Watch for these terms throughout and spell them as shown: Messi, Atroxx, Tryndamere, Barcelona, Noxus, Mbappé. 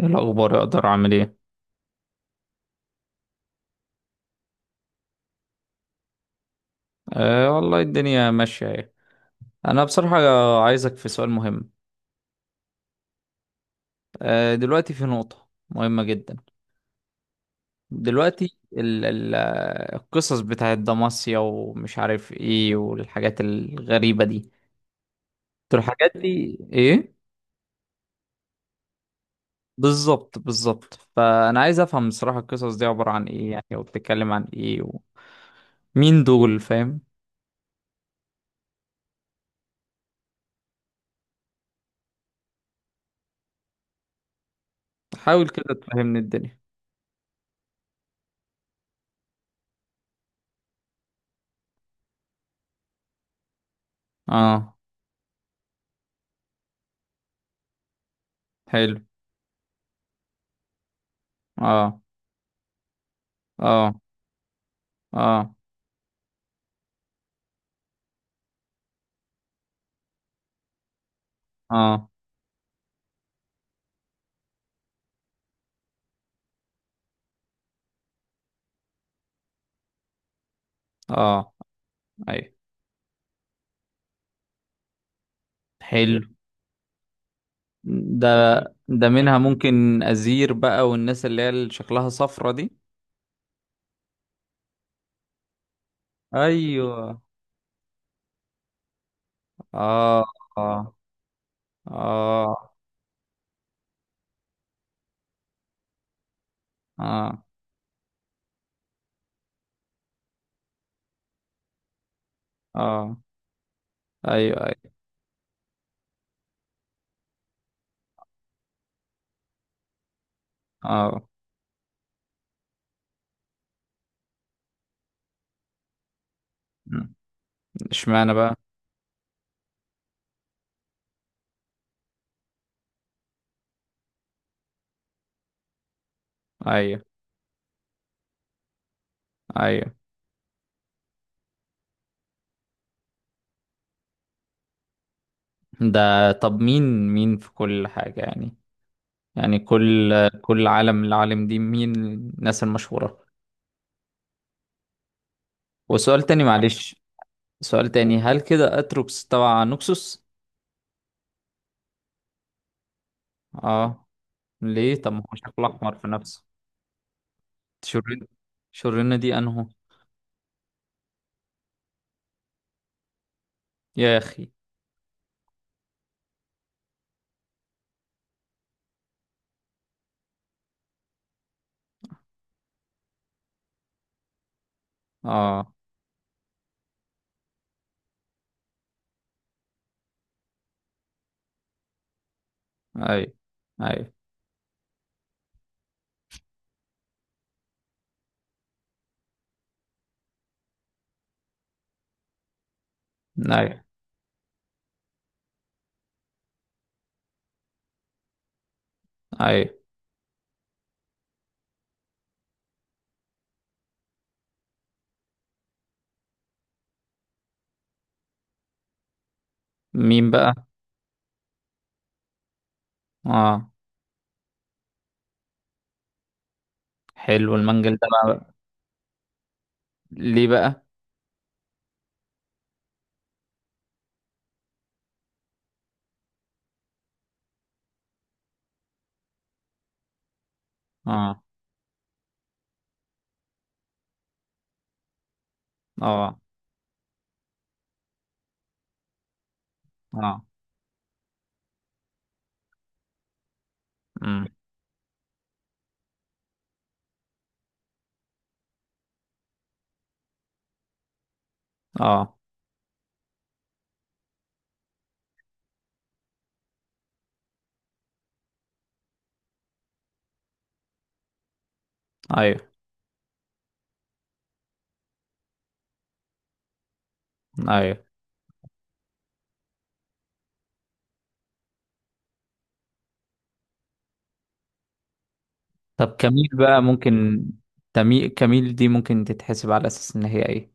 ايه الاخبار؟ اقدر اعمل ايه؟ أه، والله الدنيا ماشيه اهي. انا بصراحه عايزك في سؤال مهم. أه، دلوقتي في نقطه مهمه جدا. دلوقتي ال القصص بتاعت دماسيا ومش عارف ايه، والحاجات الغريبه دي. طب الحاجات دي ايه؟ بالظبط بالظبط، فانا عايز افهم بصراحه القصص دي عباره عن ايه يعني، وبتتكلم عن ايه؟ ومين دول، فاهم؟ حاول كده تفهمني الدنيا. اه، حلو، اه، اه، اه، اه، اه، ايوه، حلو. ده ده منها ممكن أزير بقى، والناس اللي هي اللي شكلها صفرة دي. ايوه، اه، اه، اه، اه، اه، ايوه، ايوه، اه. مم. اشمعنى بقى؟ ايوه، ايوه. ده طب مين في كل حاجة يعني؟ يعني كل عالم، العالم دي مين الناس المشهورة؟ وسؤال تاني معلش. سؤال تاني، هل كده اتروكس تبع نوكسوس؟ اه. ليه؟ طب ما هو شكله احمر في نفسه. شرين شرينة دي انهو؟ يا اخي. اه، اي، اي، اي، اي، مين بقى؟ اه، حلو المنجل ده بقى. ليه بقى؟ اه، اه، اه، امم، اه، ايوه، ايوه. طب كميل بقى ممكن. كميل دي ممكن تتحسب على اساس ان هي ايه؟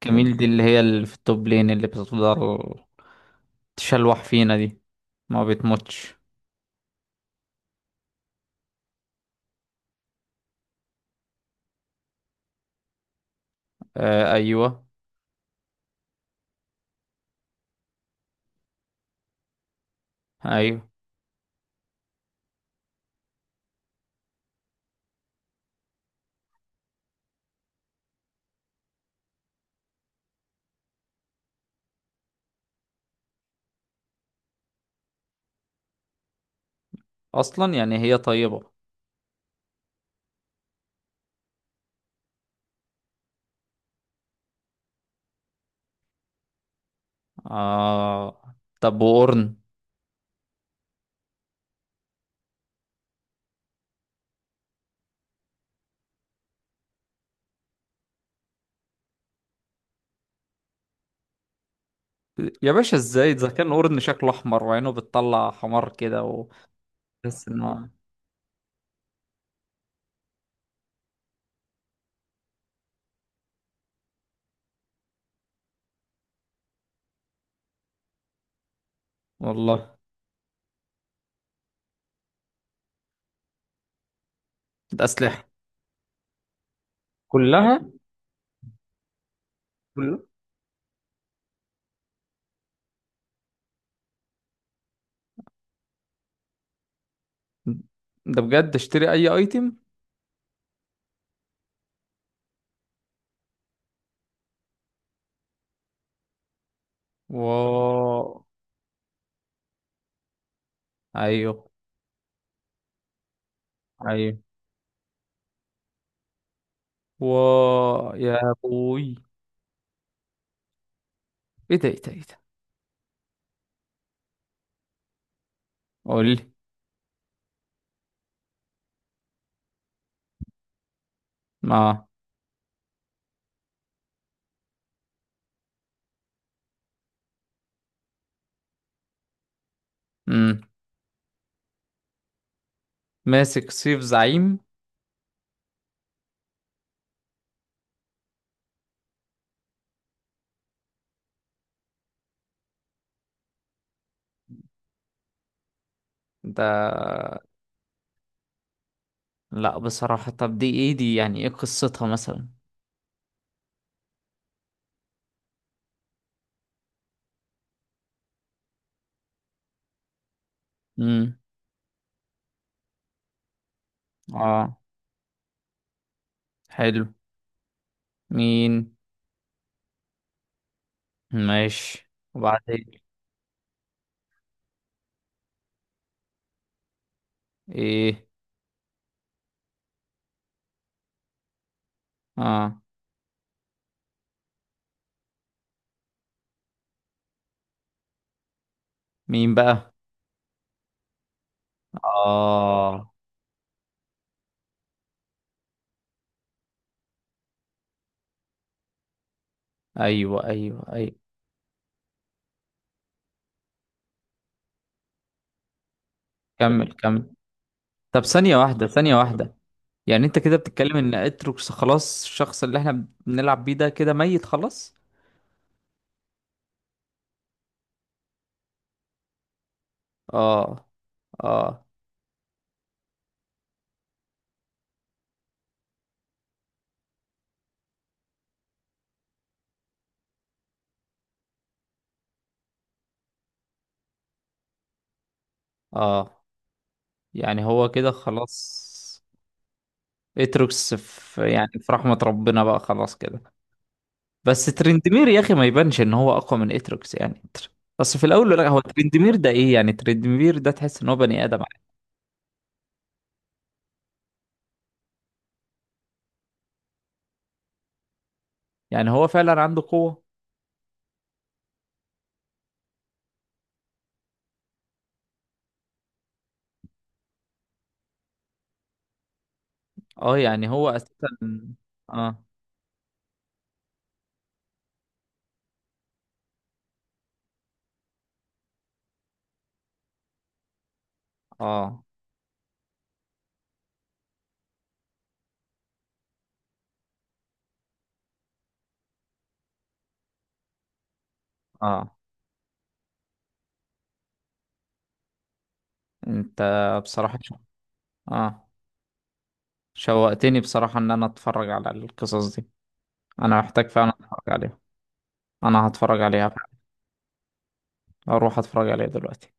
كميل دي اللي هي اللي في التوب لين، اللي بتقدر تشلوح فينا دي، ما بتموتش. آه ايوه، ايوه. اصلا يعني هي طيبة. آه، طب وقرن؟ يا باشا، ازاي اذا كان قرن شكله احمر، وعينه بتطلع حمار كده، وتحس ان هو. والله. ده اسلحه كلها كلها. ده بجد اشتري اي ايتم. و ايوه، ايوه. و يا ابوي، ايه ده، ايه ده، ايه ده. قول لي. ما امم ماسك سيف زعيم. ده لا بصراحه، طب دي ايه دي، يعني ايه قصتها مثلا؟ امم، اه، حلو، مين؟ ماشي، وبعدين؟ ايه؟ اه، مين بقى؟ اه، ايوه، ايوه، ايوه، كمل كمل. طب ثانية واحدة، ثانية واحدة. يعني انت كده بتتكلم ان اتروكس خلاص، الشخص اللي احنا بنلعب بيه ده كده ميت خلاص؟ اه، اه، اه. يعني هو كده خلاص؟ اتروكس في يعني في رحمة ربنا بقى خلاص كده؟ بس ترندمير يا اخي ما يبانش ان هو اقوى من اتروكس، يعني بس في الاول، لا هو ترندمير ده ايه يعني؟ ترندمير ده تحس ان هو بني ادم. يعني هو فعلا عنده قوة؟ اه، يعني هو اساسا. اه، اه، اه. انت بصراحة اه، شوقتني بصراحة ان انا اتفرج على القصص دي. انا محتاج فعلا اتفرج عليها. انا هتفرج عليها فعلا. اروح اتفرج عليها دلوقتي.